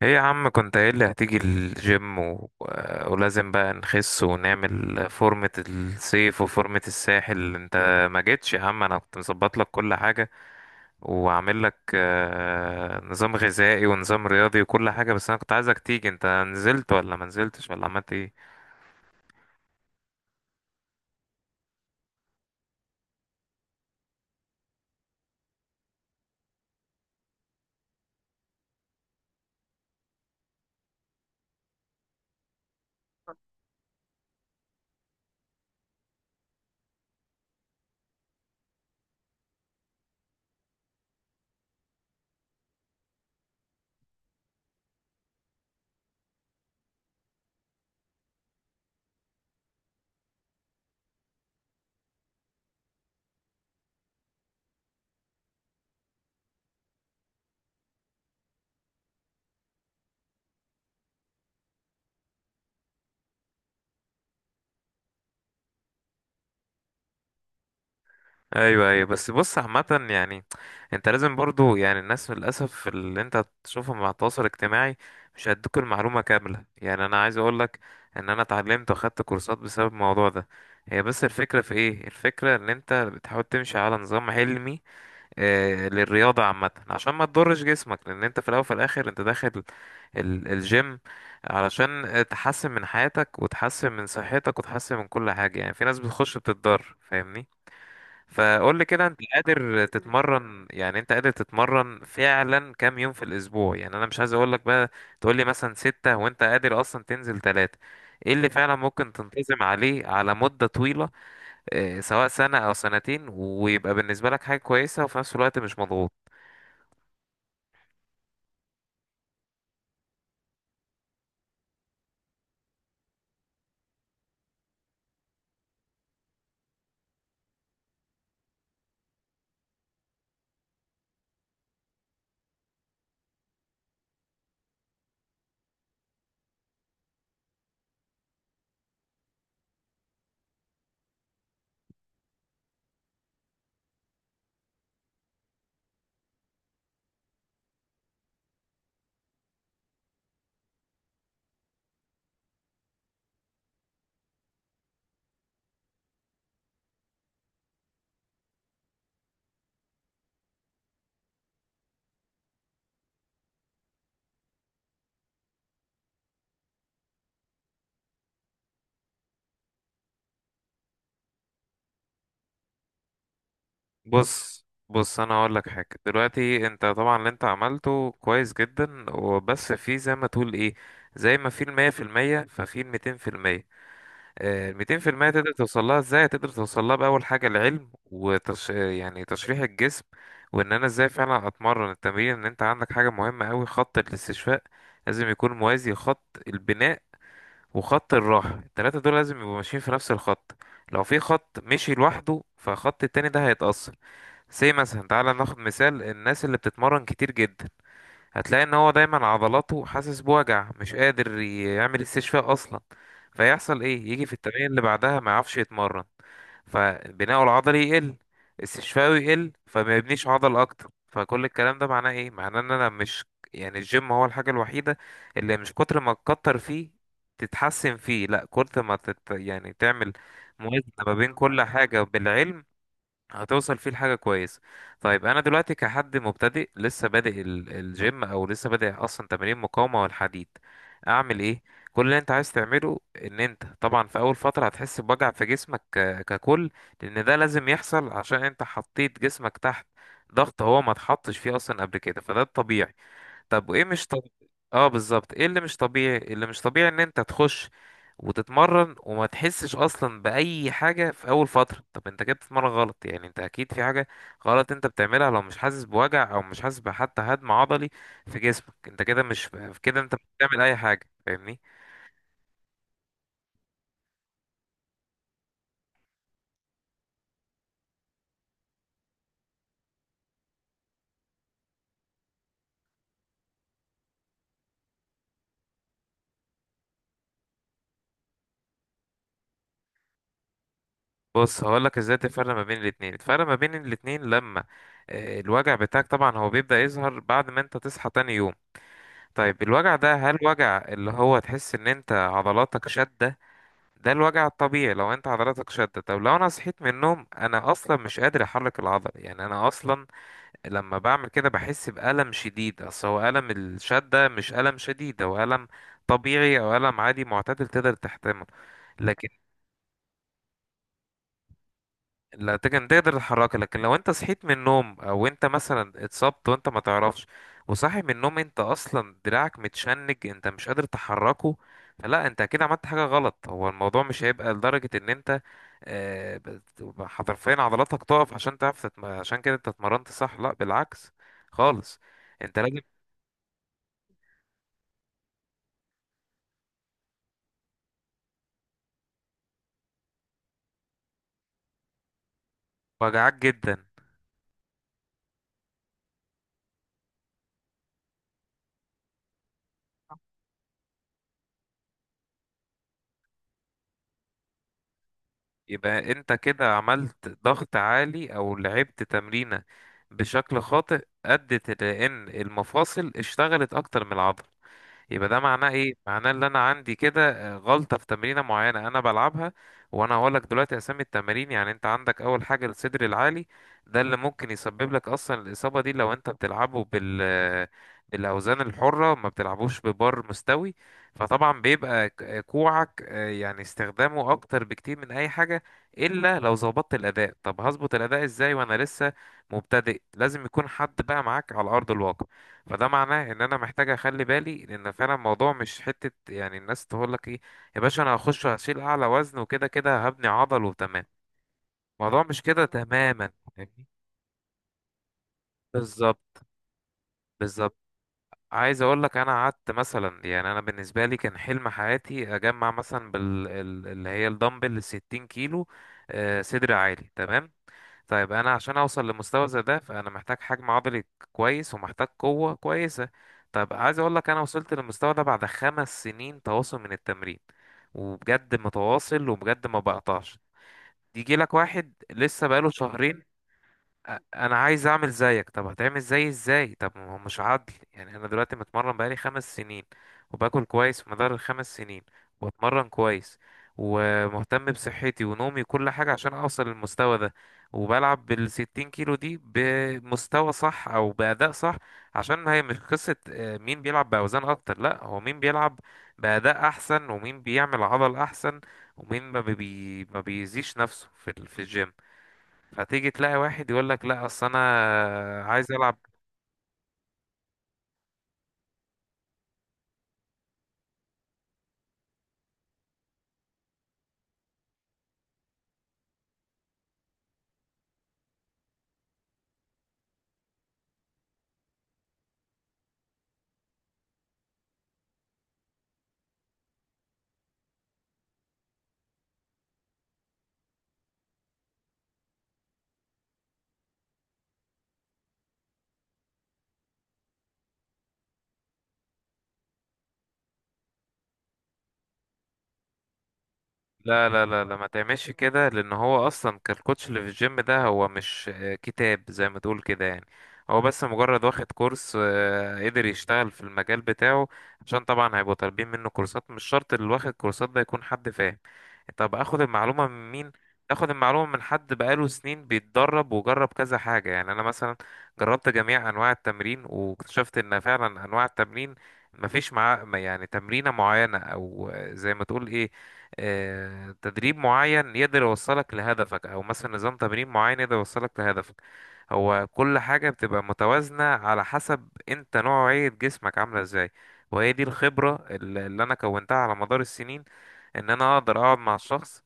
ايه يا عم كنت قايل لي هتيجي الجيم ولازم بقى نخس ونعمل فورمة الصيف وفورمة الساحل. انت ما جيتش يا عم، انا كنت مظبط لك كل حاجة وعامل لك نظام غذائي ونظام رياضي وكل حاجة، بس انا كنت عايزك تيجي. انت نزلت ولا ما نزلتش ولا عملت ايه؟ ايوه ايوه. بس بص، عامة يعني انت لازم برضو، يعني الناس للاسف اللي انت تشوفهم مع التواصل الاجتماعي مش هيدوك المعلومة كاملة. يعني انا عايز اقولك ان انا اتعلمت واخدت كورسات بسبب الموضوع ده. هي بس الفكرة في ايه؟ الفكرة ان انت بتحاول تمشي على نظام علمي آه للرياضة عامة، عشان ما تضرش جسمك، لان انت في الاول وفي الاخر انت داخل الجيم علشان تحسن من حياتك وتحسن من صحتك وتحسن من كل حاجة. يعني في ناس بتخش بتتضر، فاهمني؟ فقول لي كده، انت قادر تتمرن؟ يعني انت قادر تتمرن فعلا كام يوم في الاسبوع؟ يعني انا مش عايز اقول لك بقى تقول لي مثلا ستة وانت قادر اصلا تنزل ثلاثة. ايه اللي فعلا ممكن تنتظم عليه على مدة طويلة؟ اه، سواء سنة او سنتين، ويبقى بالنسبة لك حاجة كويسة وفي نفس الوقت مش مضغوط. بص، انا هقول لك حاجة دلوقتي. انت طبعا اللي انت عملته كويس جدا، وبس في زي ما تقول ايه، زي ما في المية في المية ففي الميتين في المية. الميتين في المية تقدر توصل لها ازاي؟ تقدر توصل لها بأول حاجة العلم وتش... آه، يعني تشريح الجسم، وان انا ازاي فعلا اتمرن التمرين. ان انت عندك حاجة مهمة اوي، خط الاستشفاء لازم يكون موازي خط البناء وخط الراحة. التلاتة دول لازم يبقوا ماشيين في نفس الخط. لو في خط مشي لوحده فخط التاني ده هيتأثر. زي مثلا، تعالى ناخد مثال الناس اللي بتتمرن كتير جدا، هتلاقي ان هو دايما عضلاته حاسس بوجع، مش قادر يعمل استشفاء اصلا. فيحصل ايه؟ يجي في التمرين اللي بعدها ما يعرفش يتمرن، فبناءه العضلي يقل، استشفائه يقل، فما يبنيش عضل اكتر. فكل الكلام ده معناه ايه؟ معناه ان انا مش، يعني الجيم هو الحاجة الوحيدة اللي مش كتر ما تكتر فيه تتحسن فيه. لا، كتر ما تت... يعني تعمل موازنة ما بين كل حاجة بالعلم، هتوصل فيه لحاجة كويسة. طيب أنا دلوقتي كحد مبتدئ لسه بادئ الجيم أو لسه بادئ أصلا تمارين مقاومة والحديد، أعمل إيه؟ كل اللي أنت عايز تعمله إن أنت طبعا في أول فترة هتحس بوجع في جسمك ككل، لأن ده لازم يحصل عشان أنت حطيت جسمك تحت ضغط هو ما اتحطش فيه أصلا قبل كده. فده الطبيعي. طب وايه مش طبيعي؟ اه، بالظبط. ايه اللي مش طبيعي؟ اللي مش طبيعي ان انت تخش وتتمرن وما تحسش اصلا باي حاجه في اول فتره. طب انت كده بتتمرن غلط. يعني انت اكيد في حاجه غلط انت بتعملها لو مش حاسس بوجع او مش حاسس بحتى هدم عضلي في جسمك. انت كده مش، كده انت مش بتعمل اي حاجه، فاهمني؟ بص هقولك ازاي تفرق ما بين الاتنين. الفرق ما بين الاتنين لما الوجع بتاعك طبعا هو بيبدأ يظهر بعد ما انت تصحى تاني يوم. طيب الوجع ده، هل وجع اللي هو تحس ان انت عضلاتك شدة؟ ده الوجع الطبيعي لو انت عضلاتك شدت. طب لو انا صحيت من النوم انا اصلا مش قادر احرك العضله، يعني انا اصلا لما بعمل كده بحس بالم شديد. اصل هو الم الشده، مش الم شديد، هو الم طبيعي او الم عادي معتدل تقدر تحتمله. لكن لا، تقدر، تقدر تتحركها. لكن لو انت صحيت من النوم او انت مثلا اتصبت وانت ما تعرفش، وصاحي من النوم انت اصلا دراعك متشنج، انت مش قادر تحركه، فلا، انت اكيد عملت حاجة غلط. هو الموضوع مش هيبقى لدرجة ان انت حرفيا عضلاتك تقف عشان تعرف عشان كده انت اتمرنت صح. لا بالعكس خالص، انت لازم وجعك جدا. يبقى انت كده عملت ضغط عالي او لعبت تمرينة بشكل خاطئ، ادت لان المفاصل اشتغلت اكتر من العضل. يبقى ده معناه ايه؟ معناه ان انا عندي كده غلطة في تمرينة معينة انا بلعبها. وانا هقولك دلوقتي اسامي التمارين. يعني انت عندك اول حاجة الصدر العالي، ده اللي ممكن يسبب لك اصلا الاصابة دي، لو انت بتلعبه بال، بالاوزان الحرة ما بتلعبوش ببار مستوي. فطبعا بيبقى كوعك يعني استخدامه اكتر بكتير من اي حاجة، الا لو ظبطت الاداء. طب هظبط الاداء ازاي وانا لسه مبتدئ؟ لازم يكون حد بقى معاك على ارض الواقع. فده معناه ان انا محتاج اخلي بالي، لان فعلا الموضوع مش حتة يعني الناس تقول لك ايه، يا باشا انا هخش هشيل اعلى وزن وكده كده هبني عضل وتمام. الموضوع مش كده تماما، فاهمني؟ بالظبط، بالظبط. عايز اقول لك انا قعدت مثلا، يعني انا بالنسبة لي كان حلم حياتي اجمع مثلا اللي هي الدمبل 60 كيلو، صدر عالي تمام. طيب انا عشان اوصل لمستوى زي ده، فانا محتاج حجم عضلي كويس ومحتاج قوة كويسة. طب عايز اقول لك انا وصلت للمستوى ده بعد 5 سنين تواصل من التمرين، وبجد متواصل وبجد ما بقطعش. يجي لك واحد لسه بقاله شهرين، انا عايز اعمل زيك. طب هتعمل زيي ازاي؟ طب ما هو مش عدل، يعني انا دلوقتي متمرن بقالي 5 سنين، وباكل كويس في مدار ال5 سنين، واتمرن كويس، ومهتم بصحتي ونومي وكل حاجة عشان اوصل للمستوى ده، وبلعب بال60 كيلو دي بمستوى صح او بأداء صح. عشان ما هي مش قصة مين بيلعب بأوزان اكتر، لا، هو مين بيلعب بأداء احسن، ومين بيعمل عضل احسن، ومين ما بيزيش نفسه في في الجيم. فتيجي تلاقي واحد يقول لك لا، اصل انا عايز العب. لا لا لا لا، ما تعملش كده، لان هو اصلا كالكوتش اللي في الجيم ده هو مش كتاب زي ما تقول كده، يعني هو بس مجرد واخد كورس قدر يشتغل في المجال بتاعه، عشان طبعا هيبقوا طالبين منه كورسات. مش شرط اللي واخد كورسات ده يكون حد فاهم. طب اخد المعلومة من مين؟ اخد المعلومة من حد بقاله سنين بيتدرب وجرب كذا حاجة. يعني انا مثلا جربت جميع انواع التمرين واكتشفت ان فعلا انواع التمرين مفيش معاه، يعني تمرينة معينة او زي ما تقول ايه، تدريب معين يقدر يوصلك لهدفك، او مثلا نظام تمرين معين يقدر يوصلك لهدفك. هو كل حاجة بتبقى متوازنة على حسب انت نوعية جسمك عاملة ازاي. وهي دي الخبرة اللي انا كونتها على مدار السنين، ان انا اقدر اقعد مع الشخص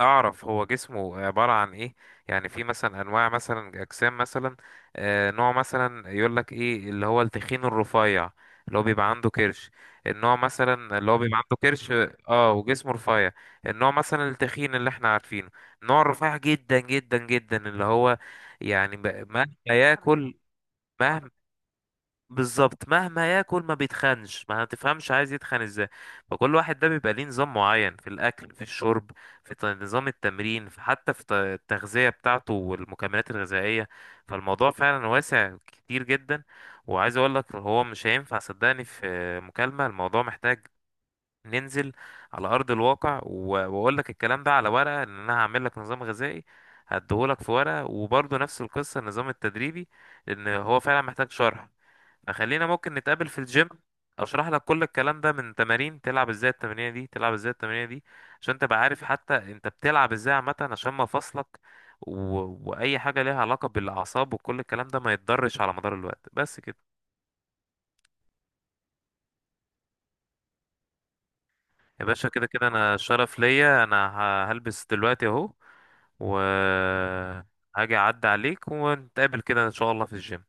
اعرف هو جسمه عبارة عن ايه. يعني في مثلا انواع مثلا اجسام مثلا، نوع مثلا يقول لك ايه، اللي هو التخين الرفيع، اللي هو بيبقى عنده كرش. النوع مثلا اللي هو بيبقى عنده كرش اه وجسمه رفيع. النوع مثلا التخين اللي احنا عارفينه. النوع الرفيع جدا جدا جدا، اللي هو يعني مهما ياكل. مهما بالظبط مهما ياكل ما بيتخنش، ما تفهمش عايز يتخن ازاي. فكل واحد ده بيبقى ليه نظام معين في الاكل، في الشرب، في نظام التمرين، في حتى في التغذية بتاعته والمكملات الغذائية. فالموضوع فعلا واسع كتير جدا. وعايز اقول لك هو مش هينفع صدقني في مكالمة، الموضوع محتاج ننزل على ارض الواقع، واقول لك الكلام ده على ورقة. ان انا هعمل لك نظام غذائي هديهولك في ورقة، وبرضه نفس القصة النظام التدريبي، لان هو فعلا محتاج شرح. خلينا ممكن نتقابل في الجيم، اشرح لك كل الكلام ده من تمارين تلعب ازاي التمرينه دي، تلعب ازاي التمرينه دي، عشان تبقى عارف حتى انت بتلعب ازاي عامه، عشان ما فصلك و... واي حاجه ليها علاقه بالاعصاب وكل الكلام ده ما يتضرش على مدار الوقت. بس كده يا باشا، كده كده انا شرف ليا. انا هلبس دلوقتي اهو و هاجي اعدي عليك ونتقابل كده ان شاء الله في الجيم.